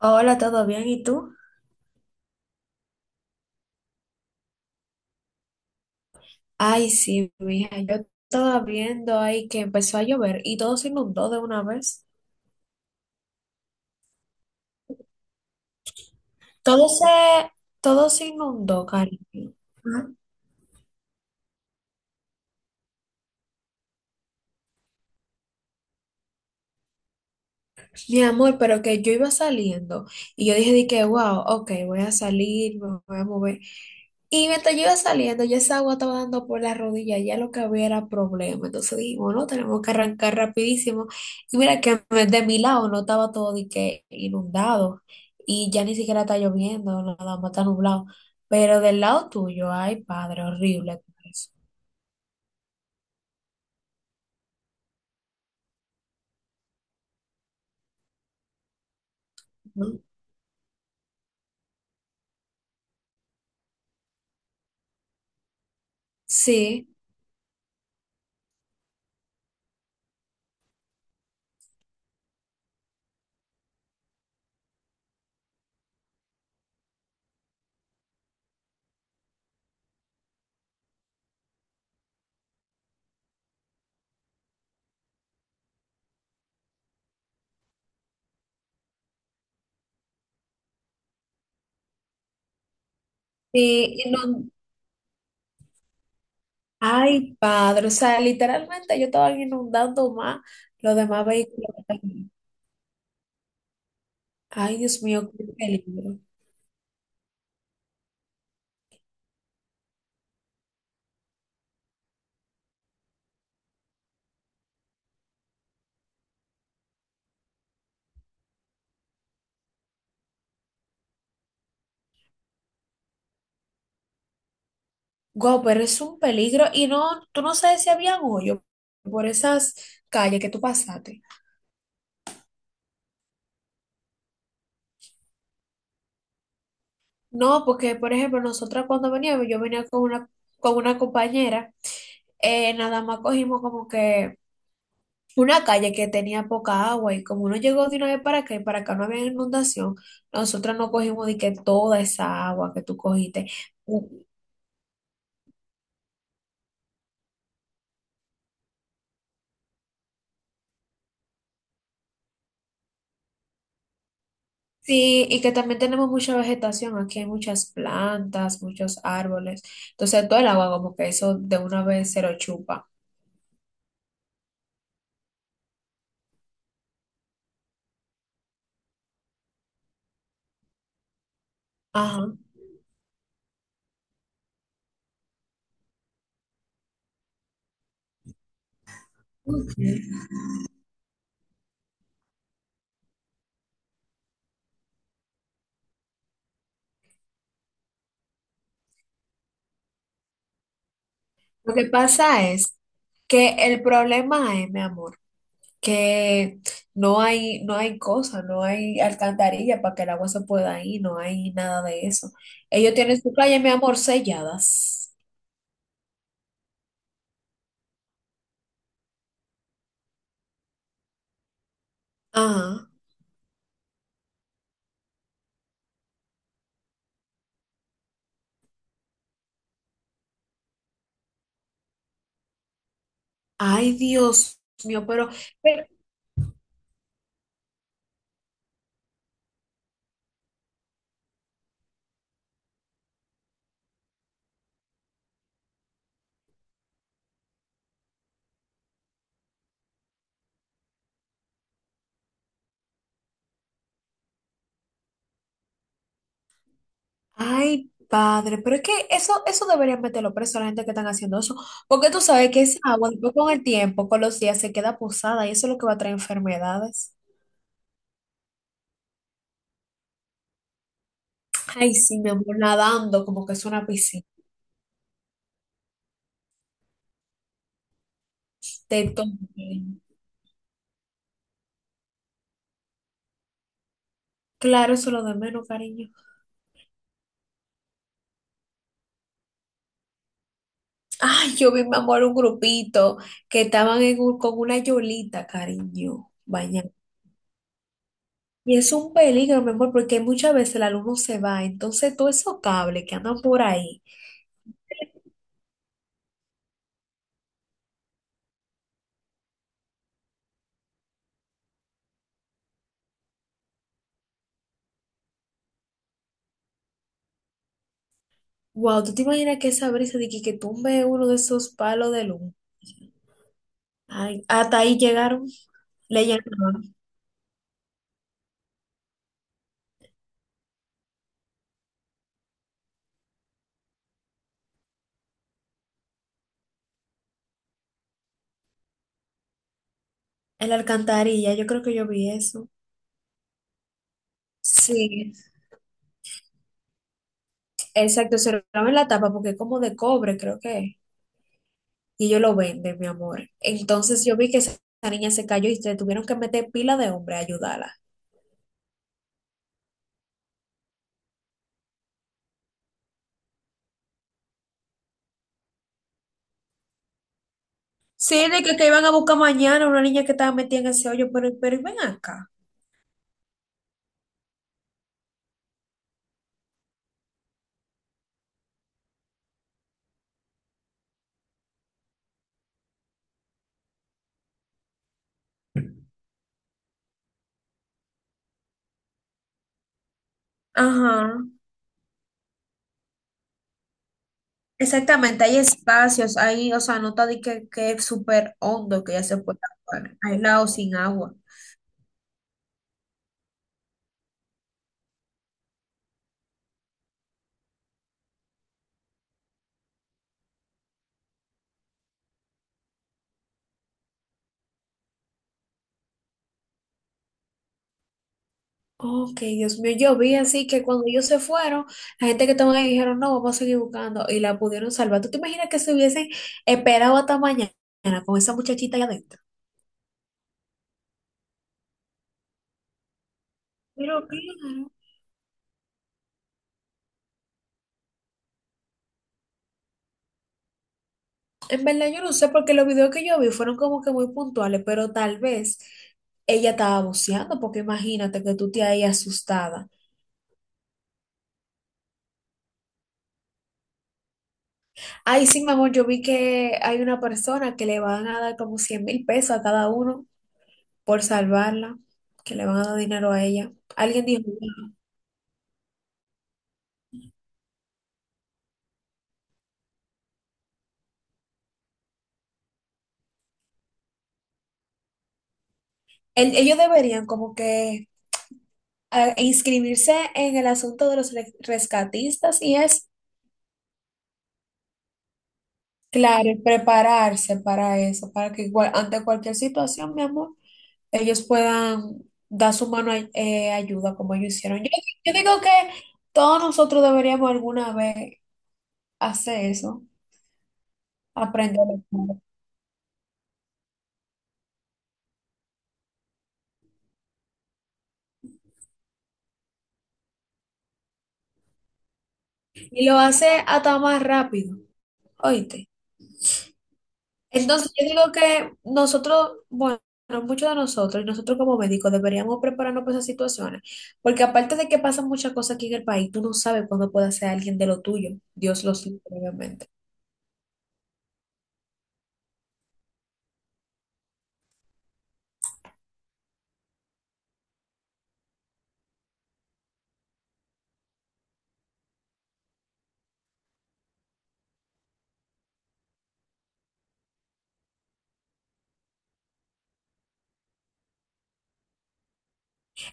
Hola, ¿todo bien? ¿Y tú? Ay, sí, mija, yo estaba viendo ahí que empezó a llover y todo se inundó de una vez. Todo se, Todo se inundó, cariño. Ajá. Mi amor, pero que yo iba saliendo y yo dije, wow, ok, voy a salir, me voy a mover. Y mientras yo iba saliendo, ya esa agua estaba dando por la rodilla, ya lo que había era problema. Entonces dijimos, no, tenemos que arrancar rapidísimo. Y mira que de mi lado no estaba todo de que inundado y ya ni siquiera está lloviendo, nada más está nublado. Pero del lado tuyo, ay, padre, horrible. Eso, ¿no? Sí, y no, ay, padre, o sea, literalmente yo estaba inundando más los demás vehículos que estaban ahí. Ay, Dios mío, qué peligro. Guau, pero es un peligro. Y no, tú no sabes si había hoyo por esas calles que tú pasaste. No, porque, por ejemplo, nosotras cuando veníamos, yo venía con una compañera, nada más cogimos como que una calle que tenía poca agua y como uno llegó de una vez para acá y para acá no había inundación, nosotras no cogimos de que toda esa agua que tú cogiste. Sí, y que también tenemos mucha vegetación, aquí hay muchas plantas, muchos árboles, entonces todo el agua como que eso de una vez se lo chupa. Ajá. Ok. Lo que pasa es que el problema es, mi amor, que no hay, no hay cosa, no hay alcantarilla para que el agua se pueda ir, no hay nada de eso. Ellos tienen su playa, mi amor, selladas. Ajá. Ay, Dios mío, pero ay, padre, pero es que eso deberían meterlo preso a la gente que están haciendo eso, porque tú sabes que esa agua después con el tiempo, con los días, se queda posada y eso es lo que va a traer enfermedades. Ay, sí, mi amor, nadando como que es una piscina. Te tomo. Claro, eso es lo de menos, cariño. Ay, yo vi, mi amor, un grupito que estaban en con una yolita, cariño, bañando. Y es un peligro, mi amor, porque muchas veces el alumno se va, entonces todos esos cables que andan por ahí. Wow, ¿tú te imaginas que esa brisa que tumbe uno de esos palos de luz? Ay, hasta ahí llegaron, le llenaron en la alcantarilla, yo creo que yo vi eso. Sí, exacto, se lo clavan en la tapa porque es como de cobre, creo que es, y ellos lo venden, mi amor. Entonces yo vi que esa niña se cayó y se tuvieron que meter pila de hombre a ayudarla. Sí, de que iban a buscar mañana una niña que estaba metida en ese hoyo, pero ven acá. Ajá. Exactamente, hay espacios ahí, o sea, no está de que es súper hondo que ya se puede actuar, aislado sin agua. Ok, Dios mío, yo vi así que cuando ellos se fueron, la gente que estaba ahí dijeron, no, vamos a seguir buscando y la pudieron salvar. ¿Tú te imaginas que se hubiesen esperado hasta mañana con esa muchachita allá adentro? Pero claro. En verdad yo no sé porque los videos que yo vi fueron como que muy puntuales, pero tal vez ella estaba buceando, porque imagínate que tú te ahí asustada. Ay, sí, mi amor, yo vi que hay una persona que le van a dar como 100,000 pesos a cada uno por salvarla, que le van a dar dinero a ella. Alguien dijo, "Wow". Ellos deberían como que ah, inscribirse en el asunto de los rescatistas y es, claro, y prepararse para eso, para que igual, ante cualquier situación, mi amor, ellos puedan dar su mano ayuda como ellos hicieron. Yo digo que todos nosotros deberíamos alguna vez hacer eso, aprender. Y lo hace hasta más rápido, oíste. Entonces, yo digo que nosotros, bueno, muchos de nosotros, y nosotros como médicos, deberíamos prepararnos para esas situaciones, porque aparte de que pasan muchas cosas aquí en el país, tú no sabes cuándo puede ser alguien de lo tuyo, Dios lo sabe, obviamente.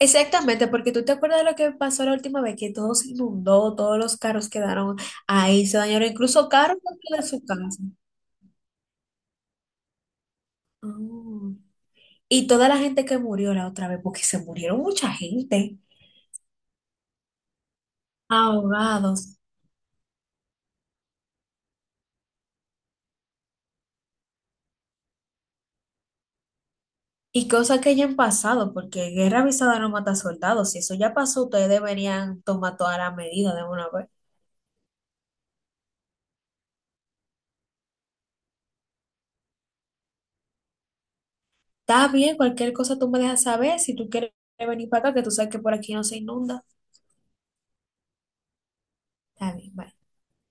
Exactamente, porque tú te acuerdas de lo que pasó la última vez, que todo se inundó, todos los carros quedaron ahí, se dañaron incluso carros dentro de su casa. Ah. Y toda la gente que murió la otra vez, porque se murieron mucha gente. Ahogados. Y cosas que hayan pasado, porque guerra avisada no mata soldados. Si eso ya pasó, ustedes deberían tomar todas las medidas de una vez. Está bien, cualquier cosa tú me dejas saber. Si tú quieres venir para acá, que tú sabes que por aquí no se inunda. Está bien, bye.